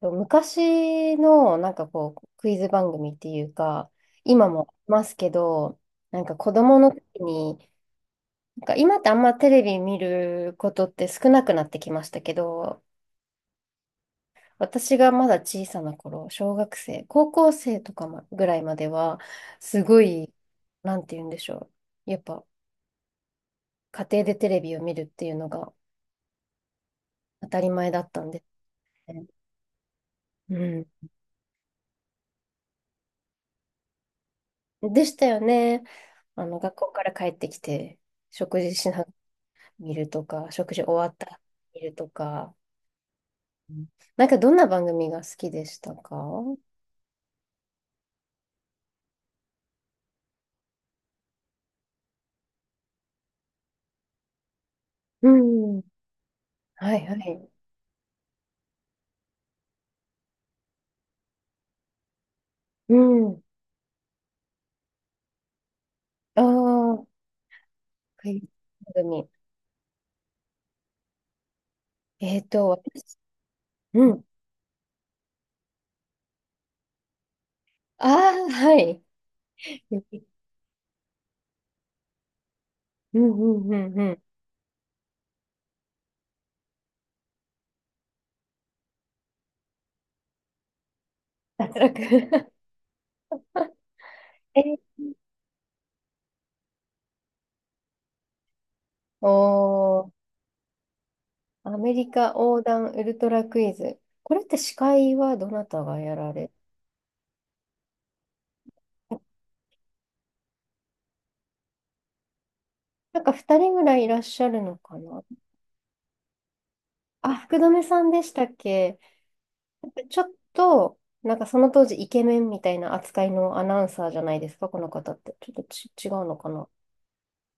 昔のなんかこうクイズ番組っていうか、今もありますけど、なんか子供の時に、なんか今ってあんまテレビ見ることって少なくなってきましたけど、私がまだ小さな頃、小学生高校生とかまぐらいまではすごい、なんて言うんでしょう、やっぱ家庭でテレビを見るっていうのが当たり前だったんですね。うん、でしたよね。あの、学校から帰ってきて食事しな見るとか、食事終わったら見るとか。うん、なんかどんな番組が好きでしたか？うん。はいはい。うん。ああ、はい。番組。私。うん。ああ、はい。うんうんうんうん。脱落。え、おー、アメリカ横断ウルトラクイズ。これって司会はどなたがやられ、なんか2人ぐらいいらっしゃるのかな。あ、福留さんでしたっけ？ちょっと、なんかその当時イケメンみたいな扱いのアナウンサーじゃないですか、この方って。ちょっとち、違うのかな？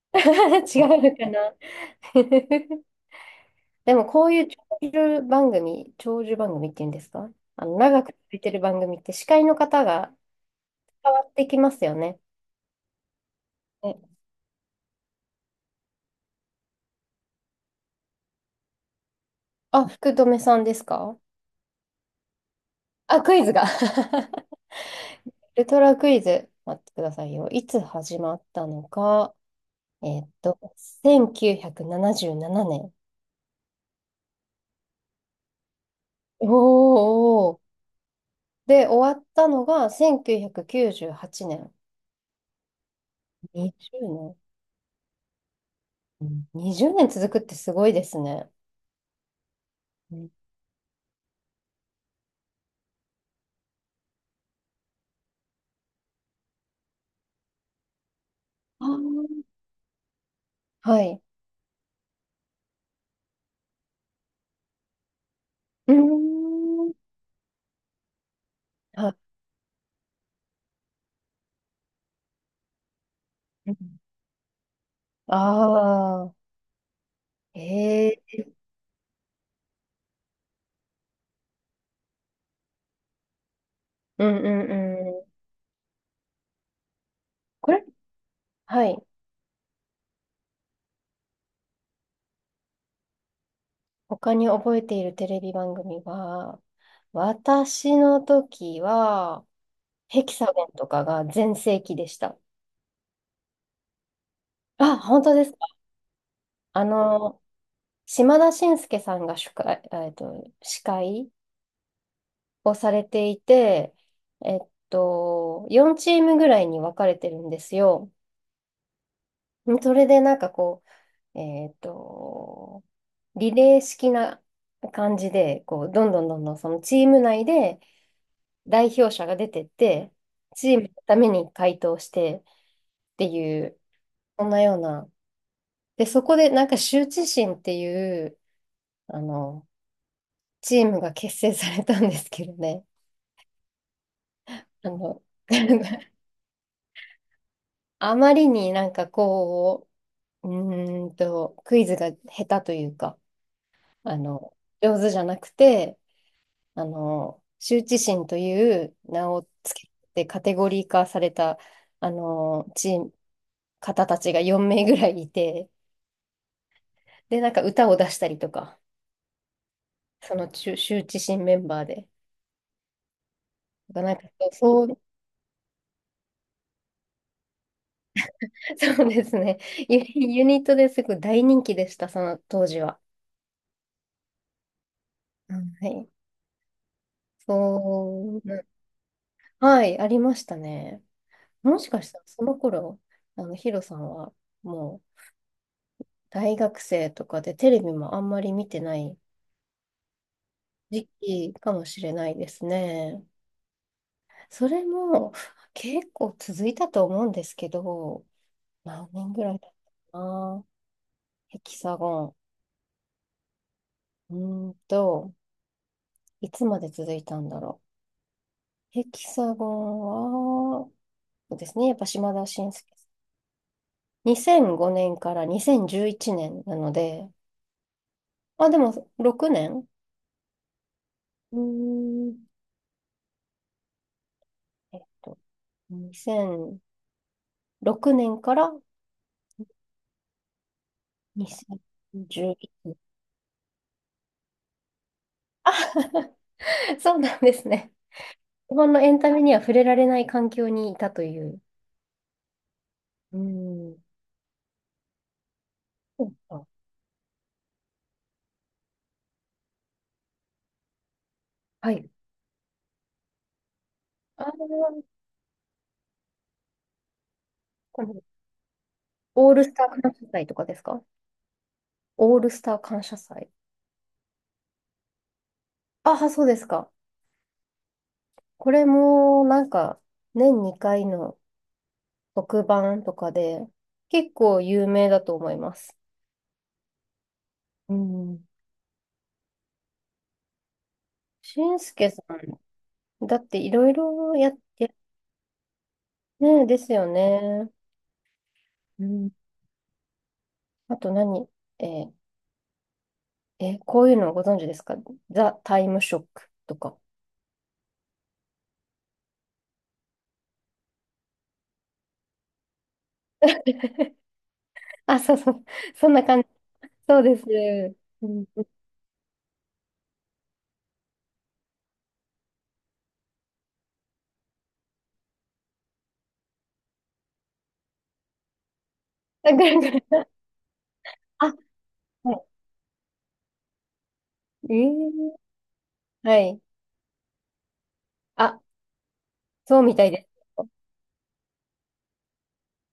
違うのかな？ でもこういう長寿番組、長寿番組っていうんですか？あの、長く続いてる番組って司会の方が変わってきますよね。えあ、福留さんですか？あ、クイズが。ウルトラクイズ、待ってくださいよ。いつ始まったのか。1977年。おおー。で、終わったのが1998年。20年？ 20 年続くってすごいですね。ああー、はい。うーん。あ、う。ああー、ええ、うんうんうん。これ、はい。他に覚えているテレビ番組は、私の時は、ヘキサゴンとかが全盛期でした。あ、本当ですか？あの、島田紳介さんが司会、えっと、司会をされていて、えっ4チームぐらいに分かれてるんですよ。それでなんかこう、リレー式な感じで、こう、どんどんどんどんそのチーム内で代表者が出てって、チームのために回答してっていう、そんなような。で、そこでなんか羞恥心っていう、あの、チームが結成されたんですけどね。あの、あまりになんかこう、うクイズが下手というか、あの、上手じゃなくて、あの、羞恥心という名をつけてカテゴリー化された、あの、チーム、方たちが4名ぐらいいて、で、なんか歌を出したりとか、その羞羞恥心メンバーで。なんかそう、そう、 そうですね。ユニットですごい大人気でした、その当時は。うん、はい。そう、はい、ありましたね。もしかしたらその頃、あの、ヒロさんはもう大学生とかでテレビもあんまり見てない時期かもしれないですね。それも結構続いたと思うんですけど、何年ぐらいだったかな。ヘキサゴン。いつまで続いたんだろう。ヘキサゴンは、そうですね、やっぱ島田紳助さん。2005年から2011年なので、まあ、でも6年。うーんえっと、2006年から2011。そうなんですね。日本のエンタメには触れられない環境にいたという。うん。そうか、はい。ああ、このオールスター感謝祭とかですか？オールスター感謝祭。ああ、そうですか。これも、なんか、年2回の特番とかで、結構有名だと思います。うん。俊介さん、だっていろいろや、ねえ、ですよね。うん。あと何、えーこういうのご存知ですか？ザ・タイムショックとか。あ、そうそう。そんな感じ。そうです。うん。あ、ぐるぐる。あ、はい。はい。あ、そうみたいです。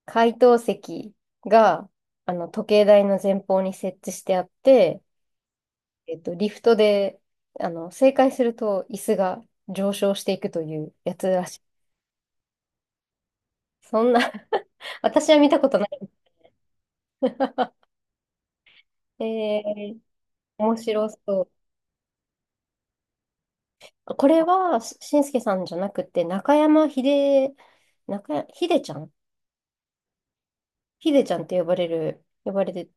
解答席が、あの、時計台の前方に設置してあって、リフトで、あの、正解すると椅子が上昇していくというやつらしい。そんな。 私は見たことない。えー、面白そう。これは、しんすけさんじゃなくて、中山秀、中や、秀ちゃん秀ちゃんって呼ばれる、呼ばれてる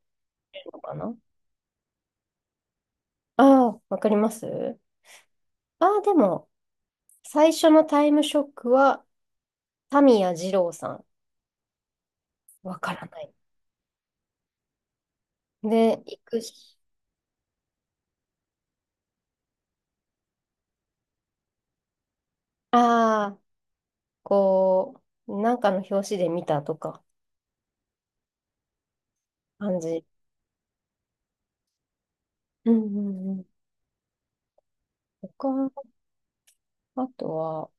のかな。ああー、わかります。ああー、でも、最初のタイムショックは、タミヤ二郎さん。わからない。で、行くし、ああ、こう、なんかの表紙で見たとか、感じ。うんうんうん。他、あとは、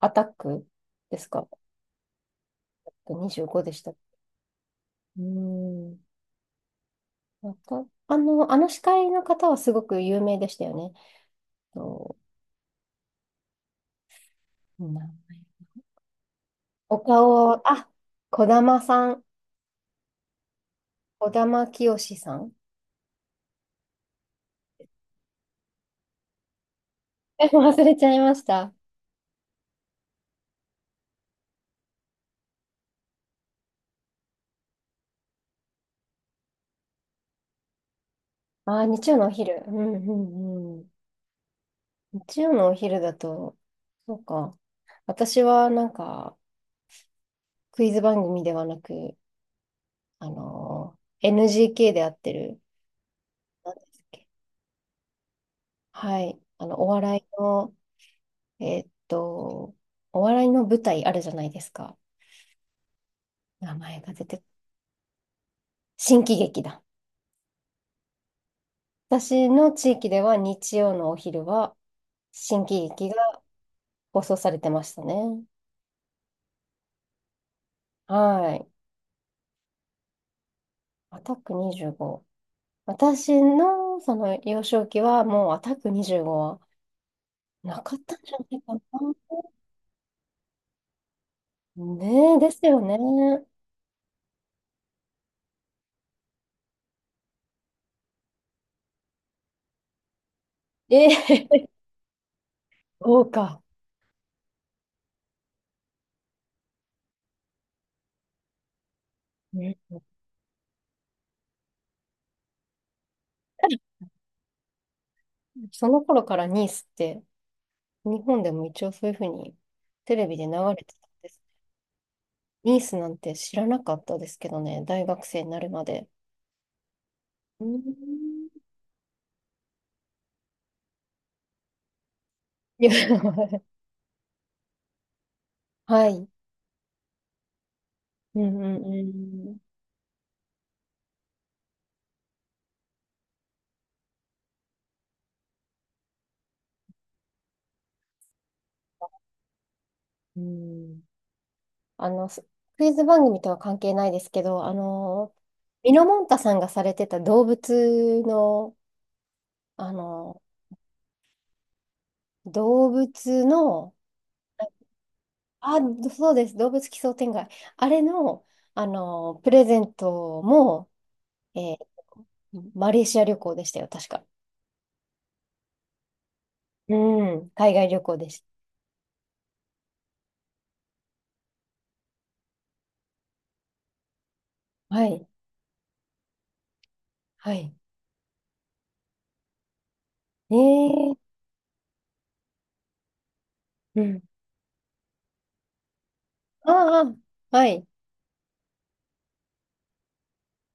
アタック、ですか？ 25 でした。うん。あの、司会の方はすごく有名でしたよね。と、名前、お顔を、あ、児玉さん、児玉清さん。え、忘れちゃいました。あー、日曜のお昼。うんうんうん。日曜のお昼だと、そうか。私はなんか、クイズ番組ではなく、あのー NGK でやってる、なんですっけ。はい。あの、えーっと、お笑いの舞台あるじゃないですか。名前が出て、新喜劇だ。私の地域では日曜のお昼は新喜劇が放送されてましたね。はい。アタック25。私のその幼少期はもうアタック25はなかったんじゃないかな。ねえ、ですよね。ええ。 そうか。ね、その頃からニースって日本でも一応そういうふうにテレビで流れてたんです。ニースなんて知らなかったですけどね、大学生になるまで。うん。いや。 はい。うんうんうん。うん。あの、クイズ番組とは関係ないですけど、あの、ミノモンタさんがされてた動物の、あの、動物の、あ、そうです、動物奇想天外。あれの、あの、プレゼントも、えーマレーシア旅行でしたよ、確か。うん、海外旅行でした。はい、はい。えー、うん。ああ、はい。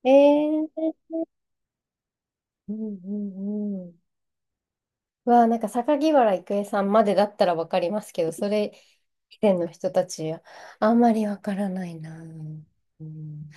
えー、うんうんうん。うわあ、なんか榊原郁恵さんまでだったらわかりますけど、それ以前の人たちはあんまりわからないな。うん